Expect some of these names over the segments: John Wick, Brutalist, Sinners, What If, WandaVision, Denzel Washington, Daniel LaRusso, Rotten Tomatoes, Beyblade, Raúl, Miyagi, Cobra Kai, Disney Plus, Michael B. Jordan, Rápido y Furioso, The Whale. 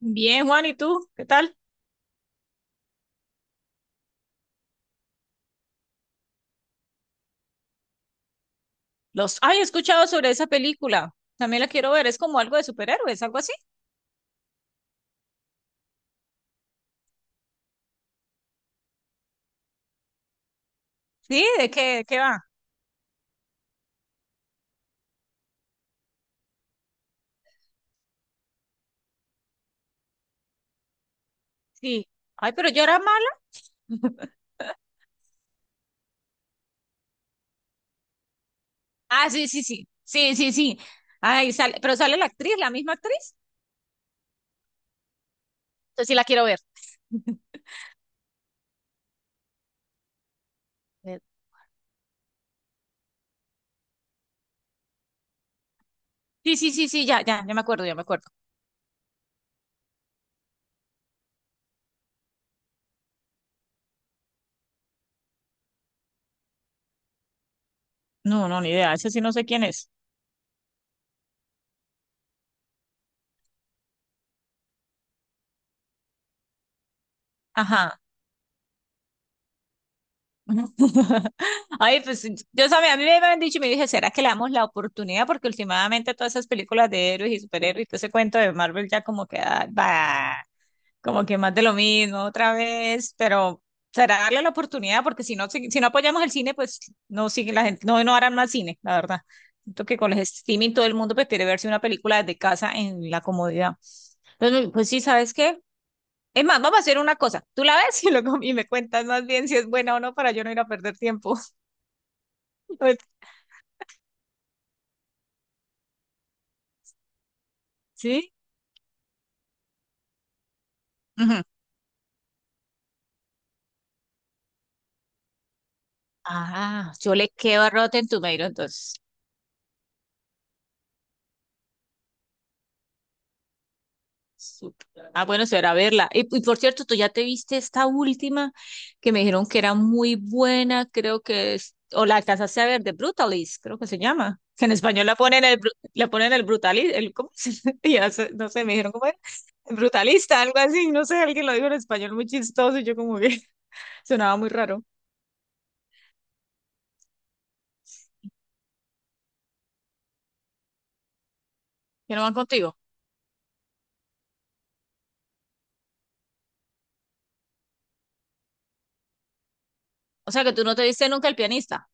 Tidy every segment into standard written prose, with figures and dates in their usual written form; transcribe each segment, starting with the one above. Bien, Juan, ¿y tú? ¿Qué tal? Los, ay, he escuchado sobre esa película. También la quiero ver. Es como algo de superhéroes, algo así. Sí, ¿de qué va? Sí. Ay, pero yo era mala. Ah, sí, sí, sí. Sí, sí, sí. Ay, sale, pero sale la actriz, la misma actriz. Entonces sí la quiero ver. Sí, sí, sí, sí, ya, ya, ya me acuerdo, ya me acuerdo. No, no, ni idea. Ese sí no sé quién es. Ajá. Ay, pues sí, yo sabía, a mí me habían dicho y me dije, ¿será que le damos la oportunidad? Porque últimamente todas esas películas de héroes y superhéroes y todo ese cuento de Marvel ya como que, ah, bah, como que más de lo mismo otra vez, pero será darle la oportunidad porque si no, si no apoyamos el cine, pues no sigue la gente, no, no harán más cine, la verdad. Siento que con el streaming todo el mundo pues, quiere verse una película desde casa en la comodidad. Entonces, pues sí, ¿sabes qué? Es más, vamos a hacer una cosa. Tú la ves y, luego, y me cuentas más bien si es buena o no para yo no ir a perder tiempo. Ok. ¿Sí? Ujú. Ah, yo le quedo a Rotten Tomatoes, entonces. Súper. Ah, bueno, será verla. Y por cierto, tú ya te viste esta última que me dijeron que era muy buena, creo que es, o la alcanzaste a ver, de Brutalist, creo que se llama. Que en español la ponen el, bru- la ponen el Brutalist, el, ¿cómo se ya sé, no sé, me dijeron cómo era, Brutalista, algo así, no sé, alguien lo dijo en español muy chistoso y yo como que sonaba muy raro. Que no van contigo. O sea que tú no te viste nunca El Pianista.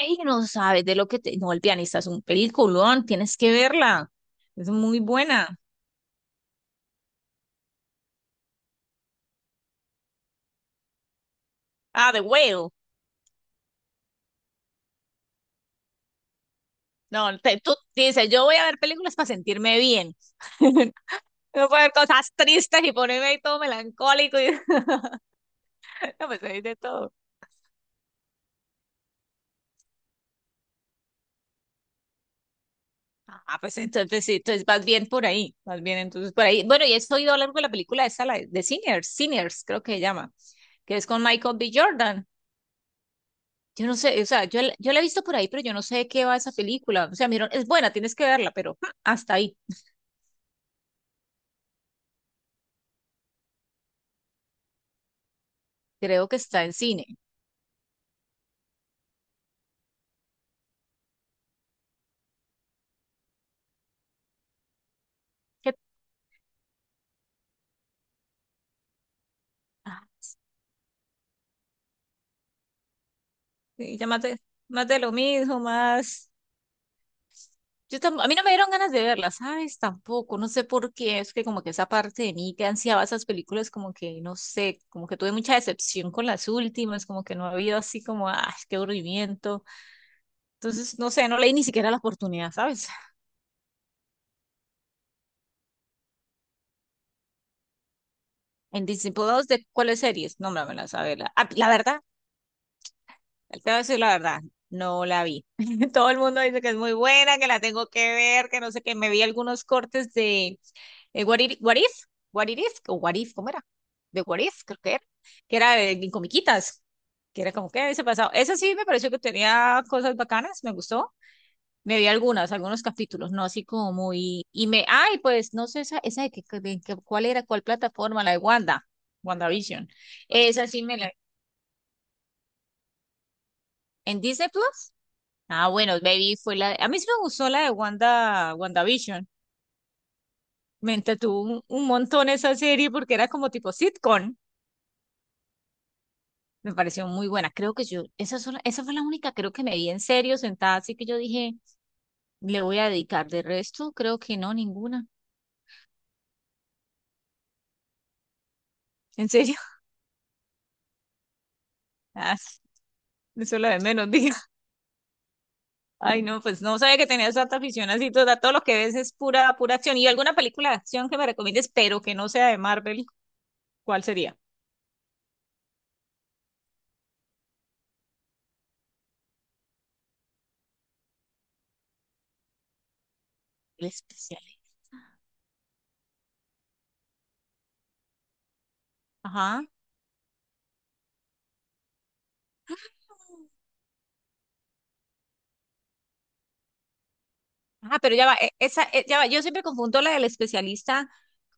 Ay, no sabes de lo que te... No, El Pianista es un peliculón, tienes que verla. Es muy buena. Ah, The Whale. No, tú dices, yo voy a ver películas para sentirme bien. No puedo ver cosas tristes y ponerme ahí todo melancólico y no, pues ahí de todo. Ah, pues entonces sí, entonces vas bien por ahí, vas bien entonces por ahí. Bueno, y he oído hablar de la película esa, la de Sinners, Sinners, creo que se llama, que es con Michael B. Jordan. Yo no sé, o sea, yo, yo la he visto por ahí, pero yo no sé de qué va esa película. O sea, mira, es buena, tienes que verla, pero ah, hasta ahí. Creo que está en cine. ¿Qué? Ah, sí, más de lo mismo, más... Yo a mí no me dieron ganas de verla, ¿sabes? Tampoco, no sé por qué, es que como que esa parte de mí que ansiaba esas películas, como que, no sé, como que tuve mucha decepción con las últimas, como que no ha habido así como, ah, qué aburrimiento. Entonces, no sé, no leí ni siquiera la oportunidad, ¿sabes? En Disney Plus, ¿de cuáles series? Nómbramelas, a verla. Ah, la verdad, te voy a decir la verdad, no la vi. Todo el mundo dice que es muy buena, que la tengo que ver, que no sé qué. Me vi algunos cortes de What If, What It If, o What If, ¿cómo era? De What If, creo que era de comiquitas, que era como que había pasado. Esa sí me pareció que tenía cosas bacanas, me gustó. Me vi algunas, algunos capítulos, no así como muy... Y me, ay, pues no sé, esa de, cuál era, cuál plataforma, la de Wanda, WandaVision. Esa sí me la... ¿En Disney Plus? Ah, bueno, Baby fue la... A mí sí me gustó la de Wanda, WandaVision. Me entretuvo un montón esa serie porque era como tipo sitcom. Me pareció muy buena. Creo que yo, esa, esa fue la única, creo que me vi en serio sentada, así que yo dije, le voy a dedicar. De resto, creo que no, ninguna. ¿En serio? Ah, eso es lo de menos, diga. Ay, no, pues no sabía que tenías tanta afición así, todo, todo lo que ves es pura, pura acción. ¿Y alguna película de acción que me recomiendes, pero que no sea de Marvel? ¿Cuál sería? El especial. Ajá. Ah, pero ya va, esa, ya va, yo siempre confundo la del especialista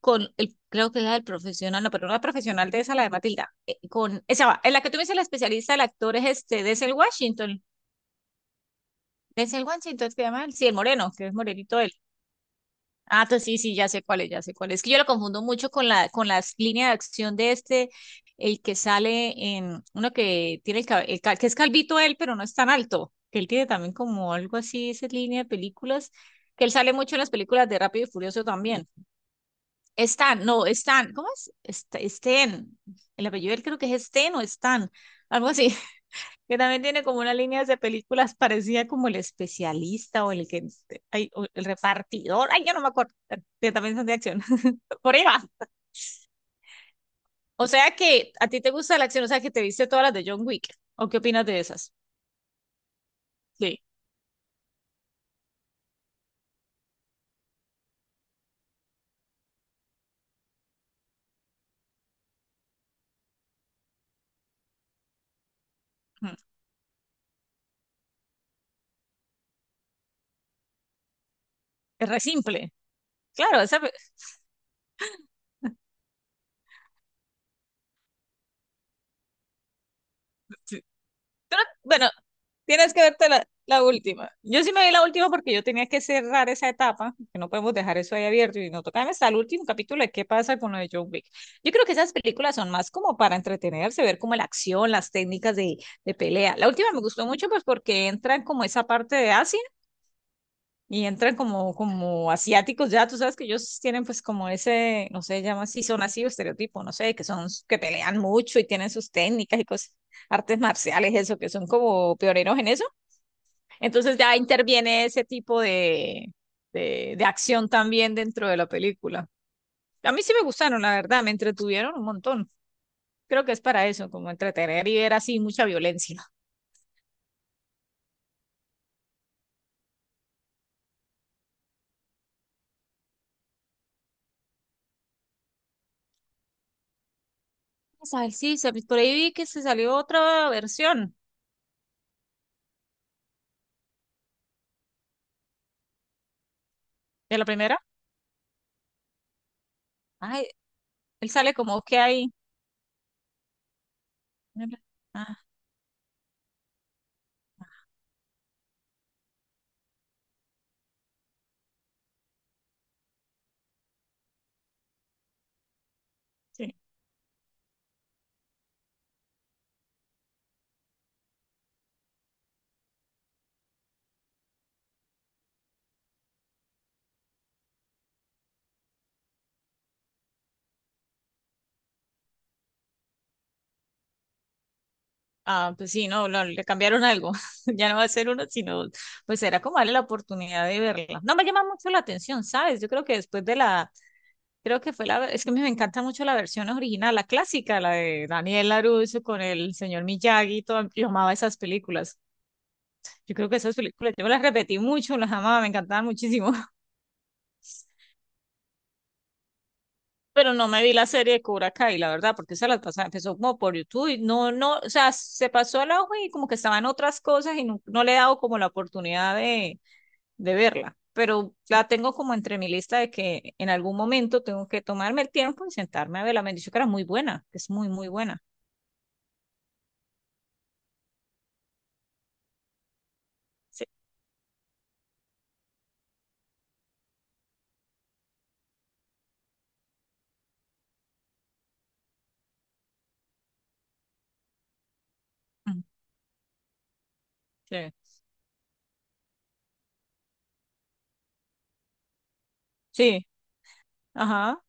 con el, creo que es la del profesional, no, pero no la profesional de esa, la de Matilda, con, esa va, en la que tú me dices la especialista, el actor es este, Denzel Washington, Denzel Washington, es que llama, ¿él? Sí, el moreno, que es morenito. Ah, entonces sí, sí, ya sé cuál es, ya sé cuál es. Es que yo lo confundo mucho con la, con las líneas de acción de este, el que sale en uno que tiene el, que es calvito él, pero no es tan alto. Que él tiene también como algo así, esa línea de películas, que él sale mucho en las películas de Rápido y Furioso también. Stan, no, Stan, ¿cómo es? Sten, el apellido de él creo que es Sten o Stan, algo así, que también tiene como una línea de películas parecida como El Especialista o El que ay, o El Repartidor, ay, yo no me acuerdo, que también son de acción. Por ahí va. O sea que a ti te gusta la acción, o sea que te viste todas las de John Wick. ¿O qué opinas de esas? Sí. Mm. Es re simple. Claro, esa, tú no- bueno, tienes que verte la, la última. Yo sí me vi la última porque yo tenía que cerrar esa etapa, que no podemos dejar eso ahí abierto y no tocarme hasta el último capítulo de qué pasa con lo de John Wick. Yo creo que esas películas son más como para entretenerse, ver como la acción, las técnicas de pelea. La última me gustó mucho pues porque entra en como esa parte de Asia y entran como, como asiáticos ya, tú sabes que ellos tienen pues como ese, no sé, llama si son así o estereotipo, no sé, que son, que pelean mucho y tienen sus técnicas y cosas, artes marciales, eso, que son como pioneros en eso. Entonces ya interviene ese tipo de, de acción también dentro de la película. A mí sí me gustaron, la verdad, me entretuvieron un montón. Creo que es para eso, como entretener y ver así mucha violencia. Vamos a ver, sí, por ahí vi que se salió otra versión de la primera. Ay, él sale como que hay me ah, sí. Ah, pues sí, no, no, le cambiaron algo. Ya no va a ser uno, sino, pues era como darle la oportunidad de verla. No me llama mucho la atención, ¿sabes? Yo creo que después de la, creo que fue la, es que me encanta mucho la versión original, la clásica, la de Daniel LaRusso con el señor Miyagi, y todo. Yo amaba esas películas. Yo creo que esas películas, yo me las repetí mucho, las amaba, me encantaban muchísimo. Pero no me vi la serie de Cobra Kai, la verdad, porque esa la pasaba, empezó como por YouTube y no, no, o sea, se pasó al ojo y como que estaban otras cosas y no, no le he dado como la oportunidad de verla. Pero la tengo como entre mi lista de que en algún momento tengo que tomarme el tiempo y sentarme a verla. Me han dicho que era muy buena, que es muy, muy buena. Sí. Mm, sí. Sí. Ajá.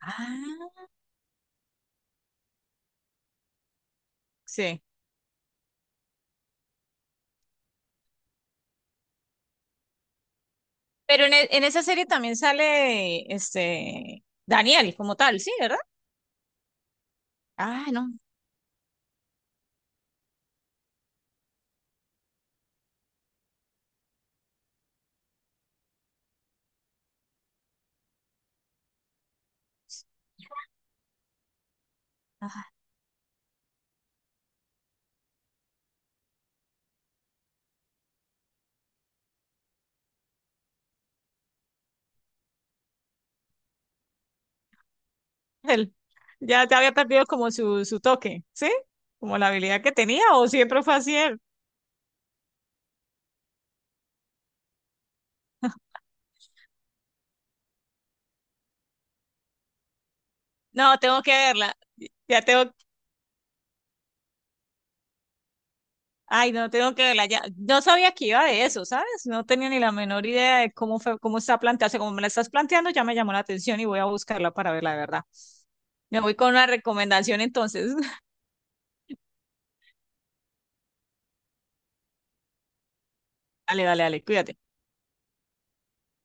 Ah, sí. Pero en, en esa serie también sale este Daniel como tal, ¿sí, verdad? Ah, no. Él ya, ya había perdido como su toque, ¿sí? Como la habilidad que tenía, o siempre fue así él. No, tengo que verla. Ya tengo, ay, no, tengo que verla. Ya, no sabía que iba de eso, ¿sabes? No tenía ni la menor idea de cómo fue, cómo está planteado. O sea, como me la estás planteando, ya me llamó la atención y voy a buscarla para verla, de verdad. Me voy con una recomendación entonces. Dale, dale, dale, cuídate.